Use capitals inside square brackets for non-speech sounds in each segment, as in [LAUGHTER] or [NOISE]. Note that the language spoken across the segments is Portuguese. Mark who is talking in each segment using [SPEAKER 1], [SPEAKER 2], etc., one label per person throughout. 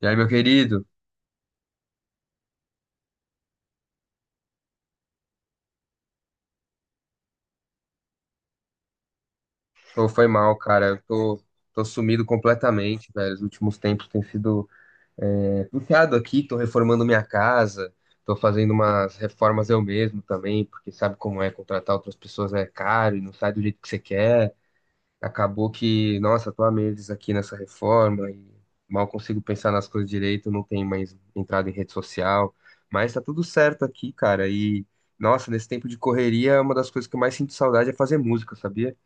[SPEAKER 1] E aí, meu querido? Pô, foi mal, cara. Tô sumido completamente, velho. Os últimos tempos tem sido puxado aqui. Tô reformando minha casa, tô fazendo umas reformas eu mesmo também, porque sabe como é contratar outras pessoas é caro e não sai do jeito que você quer. Acabou que, nossa, tô há meses aqui nessa reforma e mal consigo pensar nas coisas direito. Não tenho mais entrada em rede social, mas tá tudo certo aqui, cara. E, nossa, nesse tempo de correria, uma das coisas que eu mais sinto saudade é fazer música, sabia?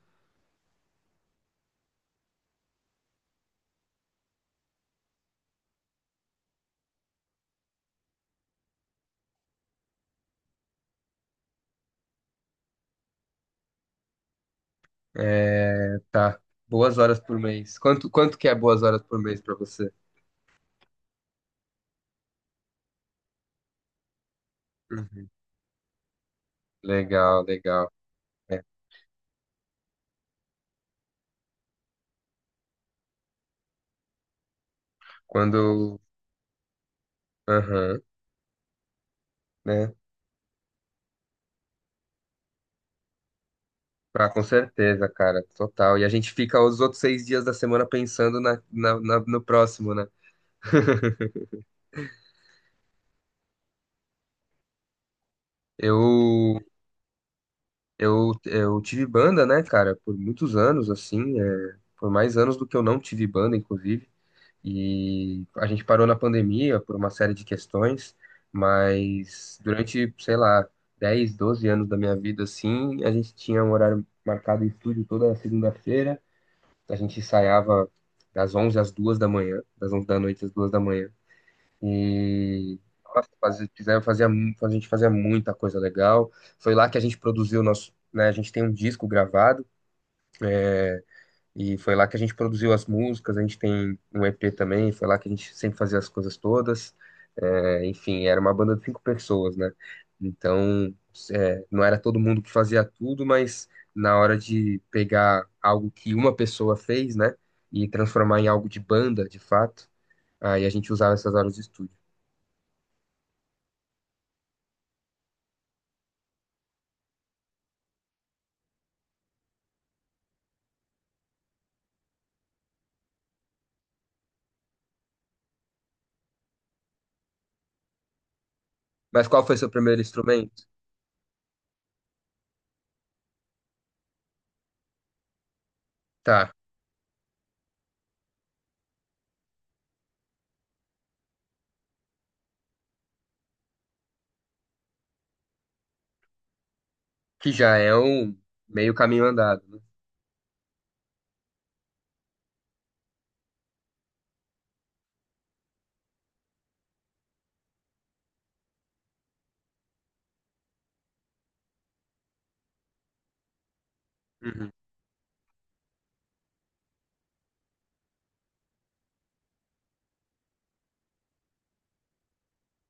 [SPEAKER 1] É, tá. Boas horas por mês. Quanto que é boas horas por mês pra você? Uhum. Legal, legal. É. Quando. Aham, né? Ah, com certeza, cara, total. E a gente fica os outros 6 dias da semana pensando no próximo, né? [LAUGHS] Eu, eu tive banda, né, cara, por muitos anos, assim, por mais anos do que eu não tive banda, inclusive. E a gente parou na pandemia por uma série de questões, mas durante, sei lá, 10 12 anos da minha vida, assim, a gente tinha um horário marcado em estúdio toda segunda-feira. A gente ensaiava das 11 às 2 da manhã, das 11 da noite às 2 da manhã. E nossa, fazia, fizeram- fazia mu- a gente fazia muita coisa legal. Foi lá que a gente produziu o nosso, né, a gente tem um disco gravado e foi lá que a gente produziu as músicas, a gente tem um EP também, foi lá que a gente sempre fazia as coisas todas. É, enfim, era uma banda de 5 pessoas, né? Então, não era todo mundo que fazia tudo, mas na hora de pegar algo que uma pessoa fez, né? E transformar em algo de banda, de fato, aí a gente usava essas horas de estúdio. Mas qual foi seu primeiro instrumento? Tá, que já é um meio caminho andado. Né? Uhum.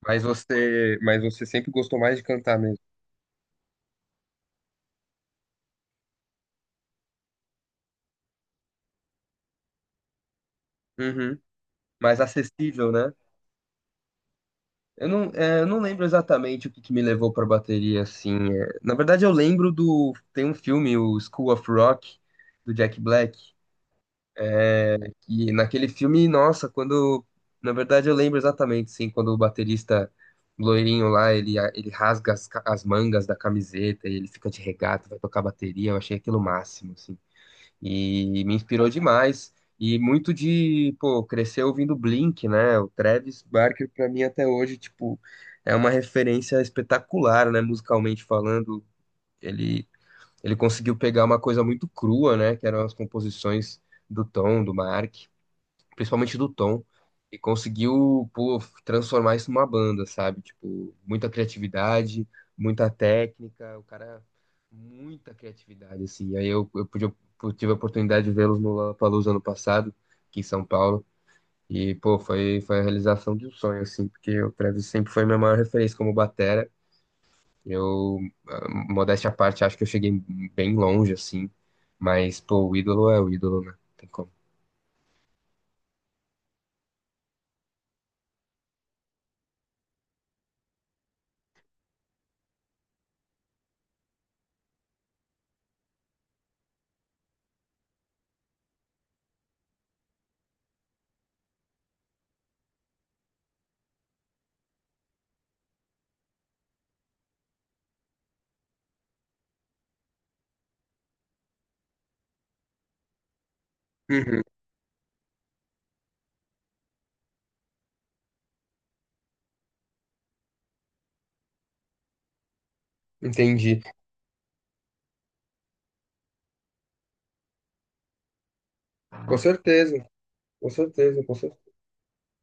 [SPEAKER 1] Mas você sempre gostou mais de cantar mesmo. Uhum. Mais acessível, né? Eu não, eu não lembro exatamente o que me levou pra bateria, assim. É. Na verdade, eu lembro do. Tem um filme, o School of Rock, do Jack Black. É, que naquele filme, nossa, quando. Na verdade, eu lembro exatamente, sim, quando o baterista loirinho lá, ele rasga as, as mangas da camiseta e ele fica de regata, vai tocar bateria. Eu achei aquilo o máximo, assim. E me inspirou demais. E muito de, pô, crescer ouvindo Blink, né? O Travis Barker, pra mim, até hoje, tipo, é uma referência espetacular, né? Musicalmente falando. Ele, ele conseguiu pegar uma coisa muito crua, né? Que eram as composições do Tom, do Mark, principalmente do Tom, e conseguiu, pô, transformar isso numa banda, sabe? Tipo, muita criatividade, muita técnica, o cara, muita criatividade, assim. Aí eu pude, eu tive a oportunidade de vê-los no Lollapalooza ano passado, aqui em São Paulo, e, pô, foi a realização de um sonho, assim, porque o Travis sempre foi minha maior referência como batera. Eu, ah, modéstia à parte, acho que eu cheguei bem longe, assim, mas, pô, o ídolo é o ídolo, né? Não tem como. Uhum, entendi. Com certeza, com certeza.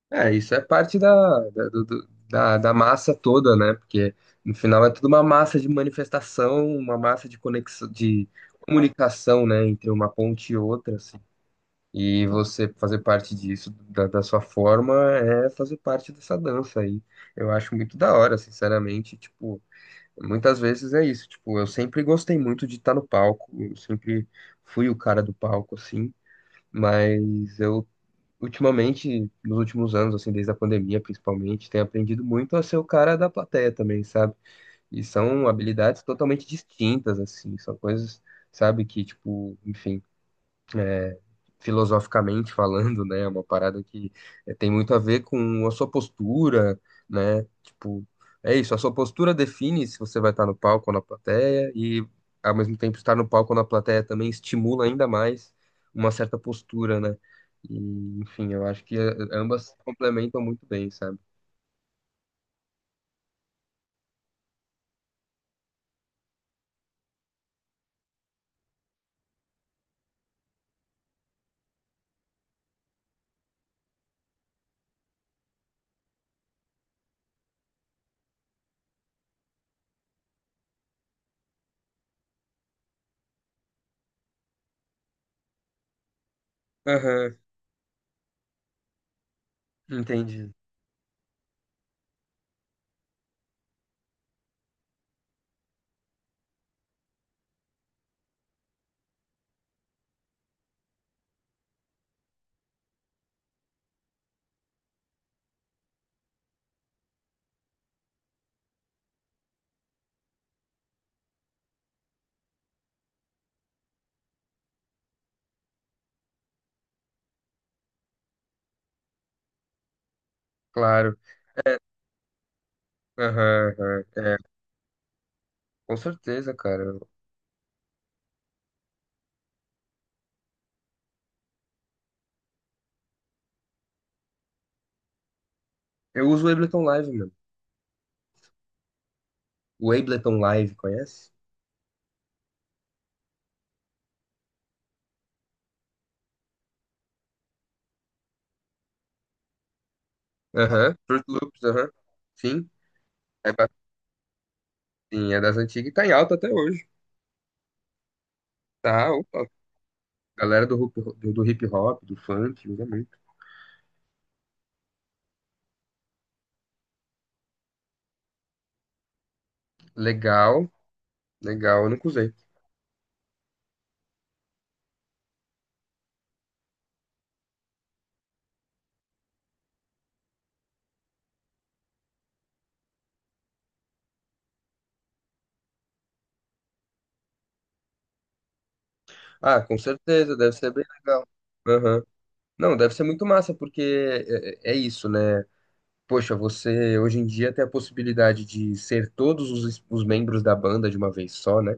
[SPEAKER 1] É, isso é parte da, da, do- do- da, da massa toda, né? Porque no final é tudo uma massa de manifestação, uma massa de conexão, de comunicação, né? Entre uma ponte e outra, assim. E você fazer parte disso, da sua forma, é fazer parte dessa dança aí. Eu acho muito da hora, sinceramente. Tipo, muitas vezes é isso. Tipo, eu sempre gostei muito de estar no palco, eu sempre fui o cara do palco, assim. Mas eu ultimamente, nos últimos anos, assim, desde a pandemia principalmente, tenho aprendido muito a ser o cara da plateia também, sabe? E são habilidades totalmente distintas, assim, são coisas, sabe, que, tipo, enfim. é, Filosoficamente falando, né? É uma parada que tem muito a ver com a sua postura, né? Tipo, é isso, a sua postura define se você vai estar no palco ou na plateia, e ao mesmo tempo estar no palco ou na plateia também estimula ainda mais uma certa postura, né? E, enfim, eu acho que ambas se complementam muito bem, sabe? Aham, entendi. Claro. Aham, aham. É, com certeza, cara. Eu uso o Ableton Live, mano. O Ableton Live, conhece? Aham, Fruit Loops, aham. Sim, é, ba- sim, é das antigas e tá em alta até hoje. Tá, opa. Galera do, do, do hip hop, do funk, usa muito. Legal, legal, eu nunca usei. Ah, com certeza, deve ser bem legal. Aham. Não, deve ser muito massa, porque é isso, né? Poxa, você hoje em dia tem a possibilidade de ser todos os membros da banda de uma vez só, né?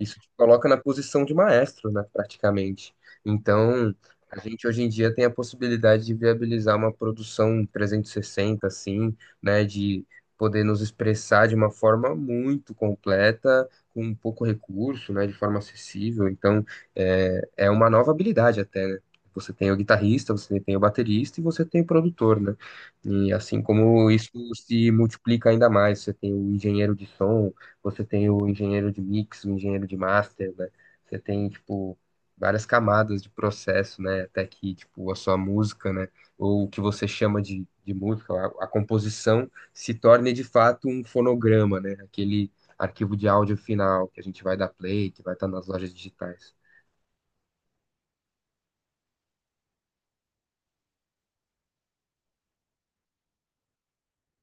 [SPEAKER 1] Isso te coloca na posição de maestro, né, praticamente. Então, a gente hoje em dia tem a possibilidade de viabilizar uma produção 360, assim, né, de poder nos expressar de uma forma muito completa, com pouco recurso, né, de forma acessível. Então, é, é uma nova habilidade até, né? Você tem o guitarrista, você tem o baterista e você tem o produtor, né? E assim como isso se multiplica ainda mais, você tem o engenheiro de som, você tem o engenheiro de mix, o engenheiro de master, né? Você tem, tipo, várias camadas de processo, né? Até que, tipo, a sua música, né? Ou o que você chama de música, a composição se torne de fato um fonograma, né? Aquele arquivo de áudio final que a gente vai dar play, que vai estar nas lojas digitais.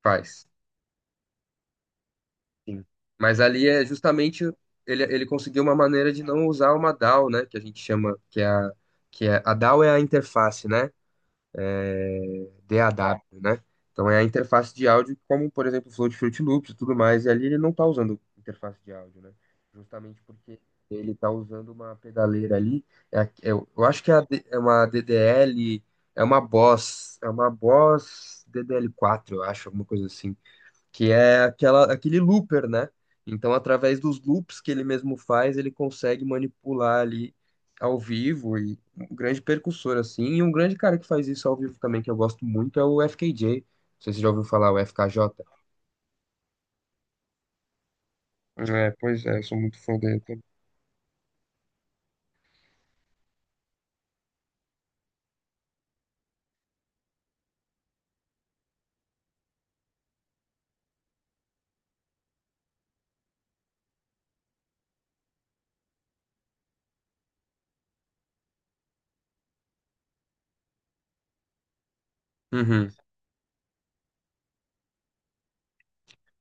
[SPEAKER 1] Faz, sim. Mas ali é justamente ele conseguiu uma maneira de não usar uma DAW, né? Que a gente chama, que é, a DAW é a interface, né? DAW, né? Então é a interface de áudio, como por exemplo o Flow de Fruit Loops e tudo mais, e ali ele não está usando interface de áudio, né? Justamente porque ele está usando uma pedaleira ali, a- eu acho que é, é uma DDL, é uma Boss DDL4, eu acho, alguma coisa assim que é aquela, aquele looper, né? Então, através dos loops que ele mesmo faz, ele consegue manipular ali ao vivo e um grande percussor assim, e um grande cara que faz isso ao vivo também que eu gosto muito é o FKJ. Não sei se você já ouviu falar o FKJ. É, pois é, eu sou muito fã dele também. Uhum.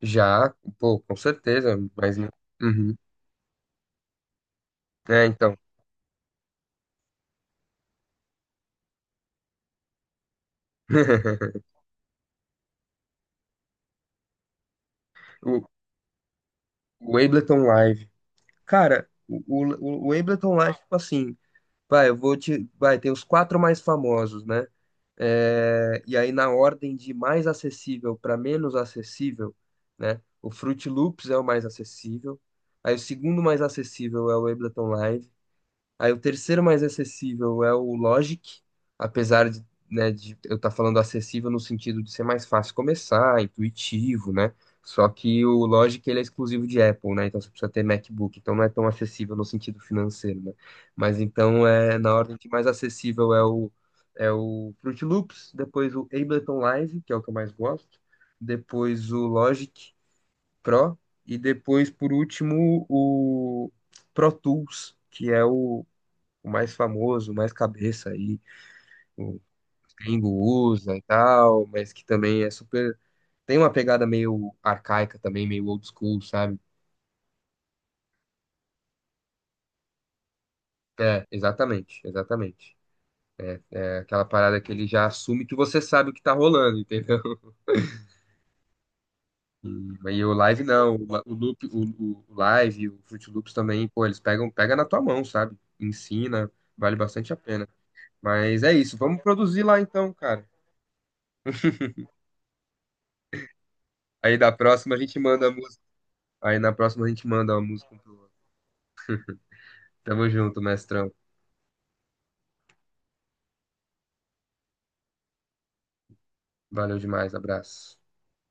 [SPEAKER 1] Já, pô, com certeza, mas uhum. É, então. [LAUGHS] O, o Ableton Live. Cara, o Ableton Live, tipo assim, vai, eu vou te. Vai, tem os 4 mais famosos, né? É. E aí, na ordem de mais acessível para menos acessível, né? O Fruit Loops é o mais acessível. Aí, o segundo mais acessível é o Ableton Live. Aí o terceiro mais acessível é o Logic, apesar de, né, de eu estar falando acessível no sentido de ser mais fácil começar, intuitivo, né? Só que o Logic ele é exclusivo de Apple, né? Então você precisa ter MacBook, então não é tão acessível no sentido financeiro, né? Mas então é na ordem que mais acessível é o é o Fruit Loops, depois o Ableton Live, que é o que eu mais gosto, depois o Logic Pro e depois por último o Pro Tools, que é o mais famoso, o mais cabeça aí, o Tengu usa e tal, mas que também é super. Tem uma pegada meio arcaica também, meio old school, sabe? É, exatamente, exatamente. É aquela parada que ele já assume que você sabe o que tá rolando, entendeu? [LAUGHS] E, e o live não, o loop, o live, o Fruit Loops também, pô, eles pegam, pega na tua mão, sabe? Ensina, vale bastante a pena. Mas é isso, vamos produzir lá então, cara. Aí da próxima a gente manda a música. Aí na próxima a gente manda a música um. Tamo junto, mestrão. Valeu demais, abraço.